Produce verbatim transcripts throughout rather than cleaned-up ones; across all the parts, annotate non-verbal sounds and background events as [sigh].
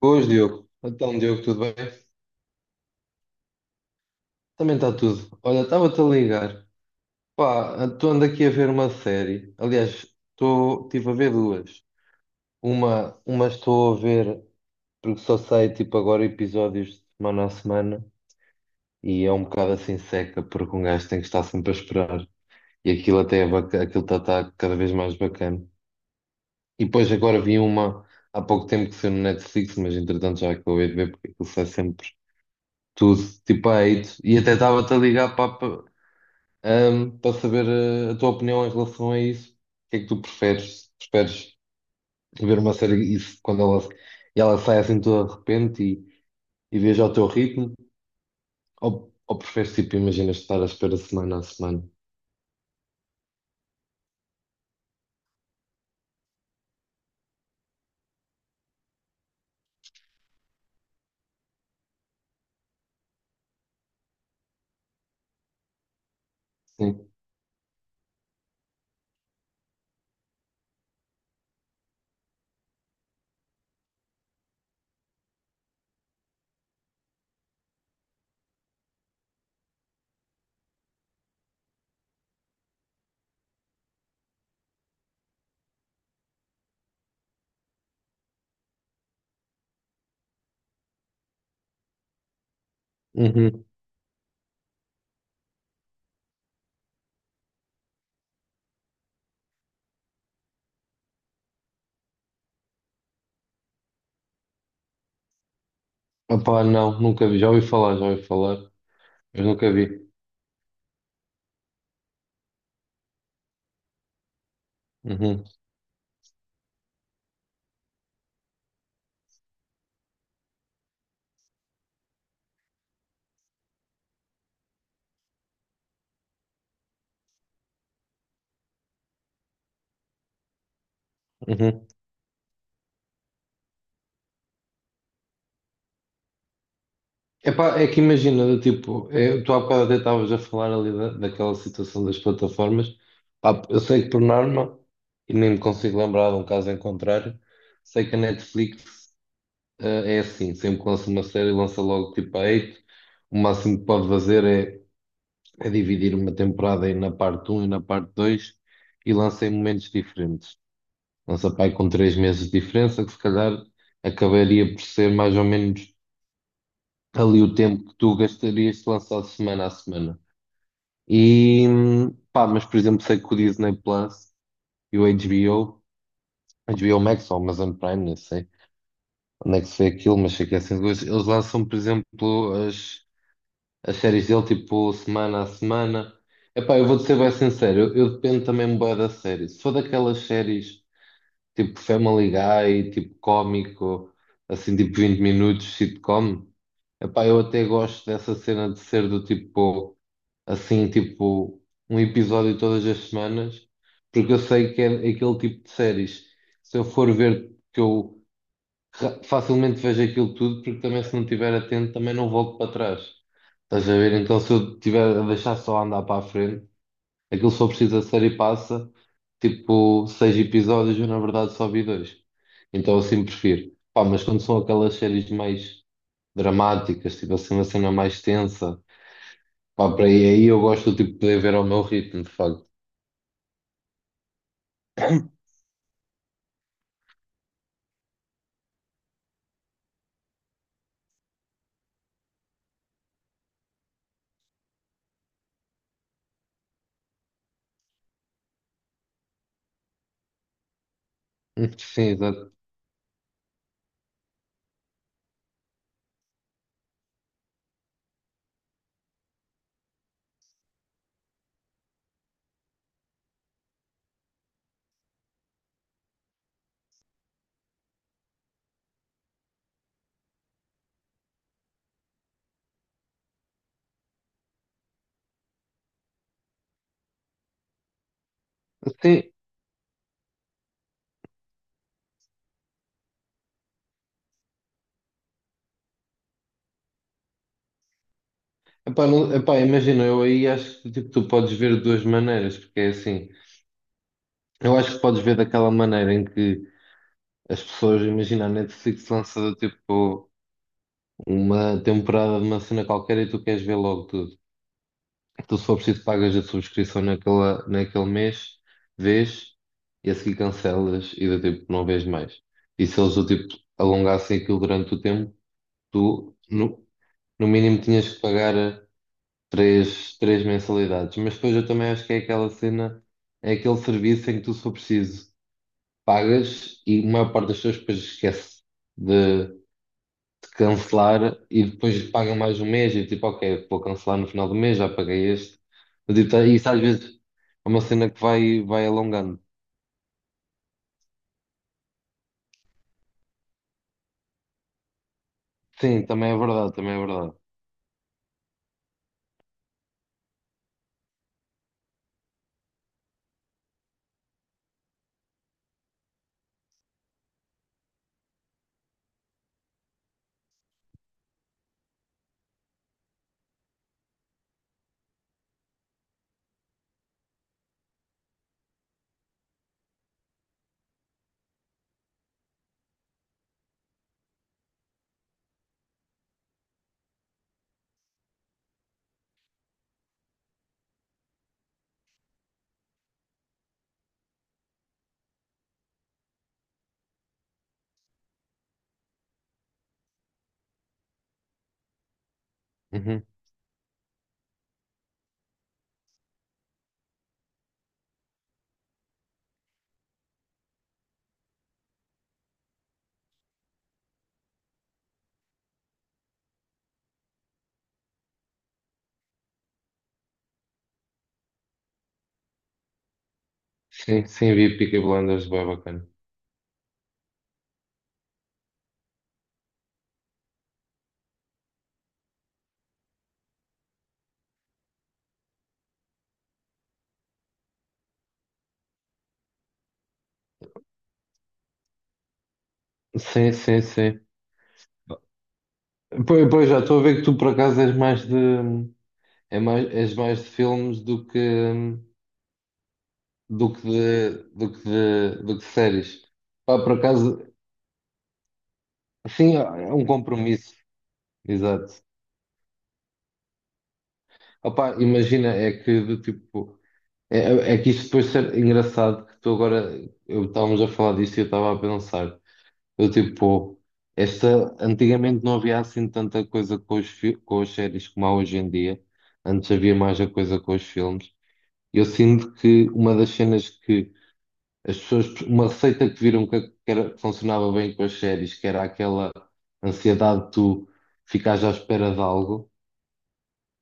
Boas, Diogo. Então, Diogo, tudo bem? Também está tudo. Olha, estava-te a ligar. Pá, estou ando aqui a ver uma série. Aliás, estou, estive a ver duas. Uma, uma estou a ver porque só sai tipo agora episódios de semana a semana e é um bocado assim seca porque um gajo tem que estar sempre a esperar. E aquilo até é baca- aquilo está cada vez mais bacana. E depois agora vi uma há pouco tempo que saiu no Netflix, mas entretanto já acabei de ver porque aquilo sai sempre tudo, tipo a hate. E até estava-te a ligar para, para, saber eh, a tua opinião em relação a isso. O que é que tu preferes? Preferes ver uma série isso quando ela, e ela sai assim toda de repente e, e vês ao teu ritmo? Ou, ou preferes, tipo, imaginas estar à espera semana a semana? Sim. Uhum. Opá, não, nunca vi. Já ouvi falar, já ouvi falar, mas nunca vi. Uhum. Uhum. Epá, é que imagina, do tipo, é, tu há bocado até estavas a falar ali da, daquela situação das plataformas. Pá, eu sei que por norma, e nem me consigo lembrar de um caso em contrário, sei que a Netflix, eh, é assim, sempre que lança uma série, lança logo tipo a oito. O máximo que pode fazer é, é dividir uma temporada aí na parte um e na parte dois e lança em momentos diferentes. Lança pá, aí com três meses de diferença, que se calhar acabaria por ser mais ou menos ali o tempo que tu gastarias se lançado semana a semana. E pá, mas por exemplo, sei que o Disney Plus e o HBO, H B O Max ou Amazon Prime, não sei onde é que se vê aquilo, mas sei que é assim, de gosto. Eles lançam, por exemplo, as, as séries dele tipo semana a semana. Epá, eu vou-te ser bem sincero, eu, eu dependo também bué da série. Se for daquelas séries tipo Family Guy, tipo cómico, assim tipo vinte minutos, sitcom. Epá, eu até gosto dessa cena de ser do tipo, assim, tipo, um episódio todas as semanas, porque eu sei que é aquele tipo de séries. Se eu for ver que eu ra- facilmente vejo aquilo tudo, porque também se não estiver atento também não volto para trás. Estás a ver? Então se eu tiver a deixar só andar para a frente, aquilo só precisa ser e passa, tipo, seis episódios, eu na verdade só vi dois. Então assim prefiro. Pá, mas quando são aquelas séries mais dramáticas, tipo assim, uma cena mais tensa, pá, para aí, aí eu gosto tipo, de poder ver ao meu ritmo, de facto. [laughs] Sim, exato. Sim, epá, não- epá, imagina, eu aí acho que tipo, tu podes ver de duas maneiras, porque é assim, eu acho que podes ver daquela maneira em que as pessoas, imagina, a Netflix lança tipo uma temporada de uma cena qualquer e tu queres ver logo tudo. Tu, se for preciso, pagas a subscrição naquela, naquele mês, vês, e a seguir cancelas e do tipo, não vês mais. E se eles do tipo alongassem aquilo durante o tempo, tu no, no mínimo tinhas que pagar eh, três, três mensalidades. Mas depois eu também acho que é aquela cena, é aquele serviço em que tu, se for preciso, pagas e a maior parte das pessoas depois esquece de, de cancelar e depois pagam mais um mês e tipo, ok, vou cancelar no final do mês, já paguei este. Mas, tipo, tá- isso às vezes é uma cena que vai, vai alongando. Sim, também é verdade, também é verdade. Uhum. Sim, sim, vi Peaky Blinders, bem bacana. Sim, sim, sim. Pois, pois já estou a ver que tu por acaso és mais de é mais, és mais de filmes do que do que de, do que de, do que de séries. Pá, por acaso, sim, é um compromisso. Exato. Opa, imagina, é que do tipo, é, é é que isso depois ser engraçado que tu agora, eu estávamos a falar disto e eu estava a pensar, eu tipo, esta, antigamente não havia assim tanta coisa com os, fi- com as séries como há hoje em dia, antes havia mais a coisa com os filmes, e eu sinto que uma das cenas que as pessoas, uma receita que viram que, que era, que funcionava bem com as séries, que era aquela ansiedade de tu ficares à espera de algo,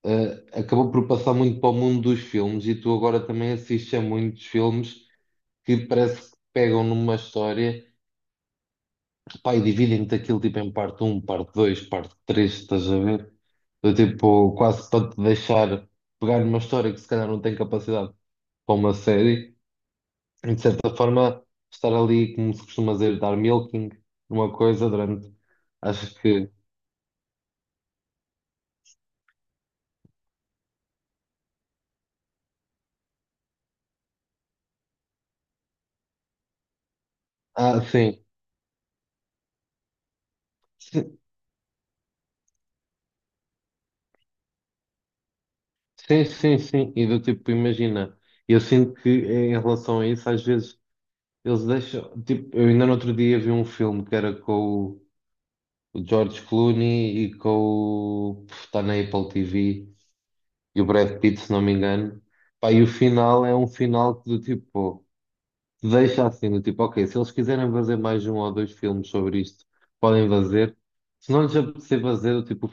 eh, acabou por passar muito para o mundo dos filmes e tu agora também assistes a muitos filmes que parece que pegam numa história, pá, e dividem-te aquilo tipo em parte um, parte dois, parte três, estás a ver? Eu, tipo, quase para te deixar pegar numa história que se calhar não tem capacidade para uma série, e de certa forma estar ali, como se costuma dizer, dar milking numa coisa durante, acho que, ah, sim. Sim, sim, sim. E do tipo, imagina, eu sinto que em relação a isso, às vezes eles deixam. Tipo, eu ainda no outro dia vi um filme que era com o o George Clooney e com o, pff, está na Apple T V e o Brad Pitt, se não me engano. Pá, e o final é um final que do tipo deixa assim, do tipo, ok, se eles quiserem fazer mais um ou dois filmes sobre isto, podem fazer. Se não lhes apetecer fazer, o tipo, o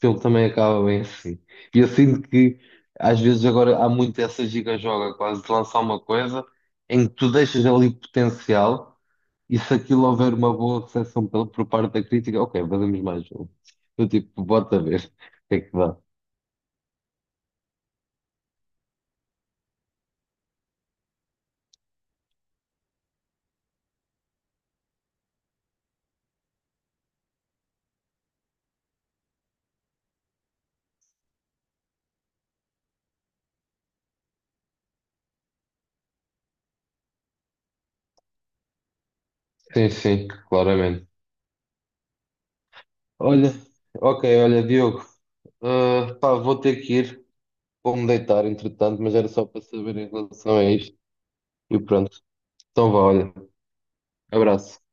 filme também acaba bem assim. E eu sinto que às vezes agora há muito essa giga-joga quase de lançar uma coisa em que tu deixas ali potencial e se aquilo houver uma boa recepção pela- por parte da crítica, ok, fazemos mais um. Do tipo, bota ver [laughs] o que é que dá. Sim, sim, claramente. Olha, ok, olha, Diogo, ah, pá, vou ter que ir. Vou-me deitar, entretanto, mas era só para saber em relação a isto. E pronto. Então vá, olha. Abraço.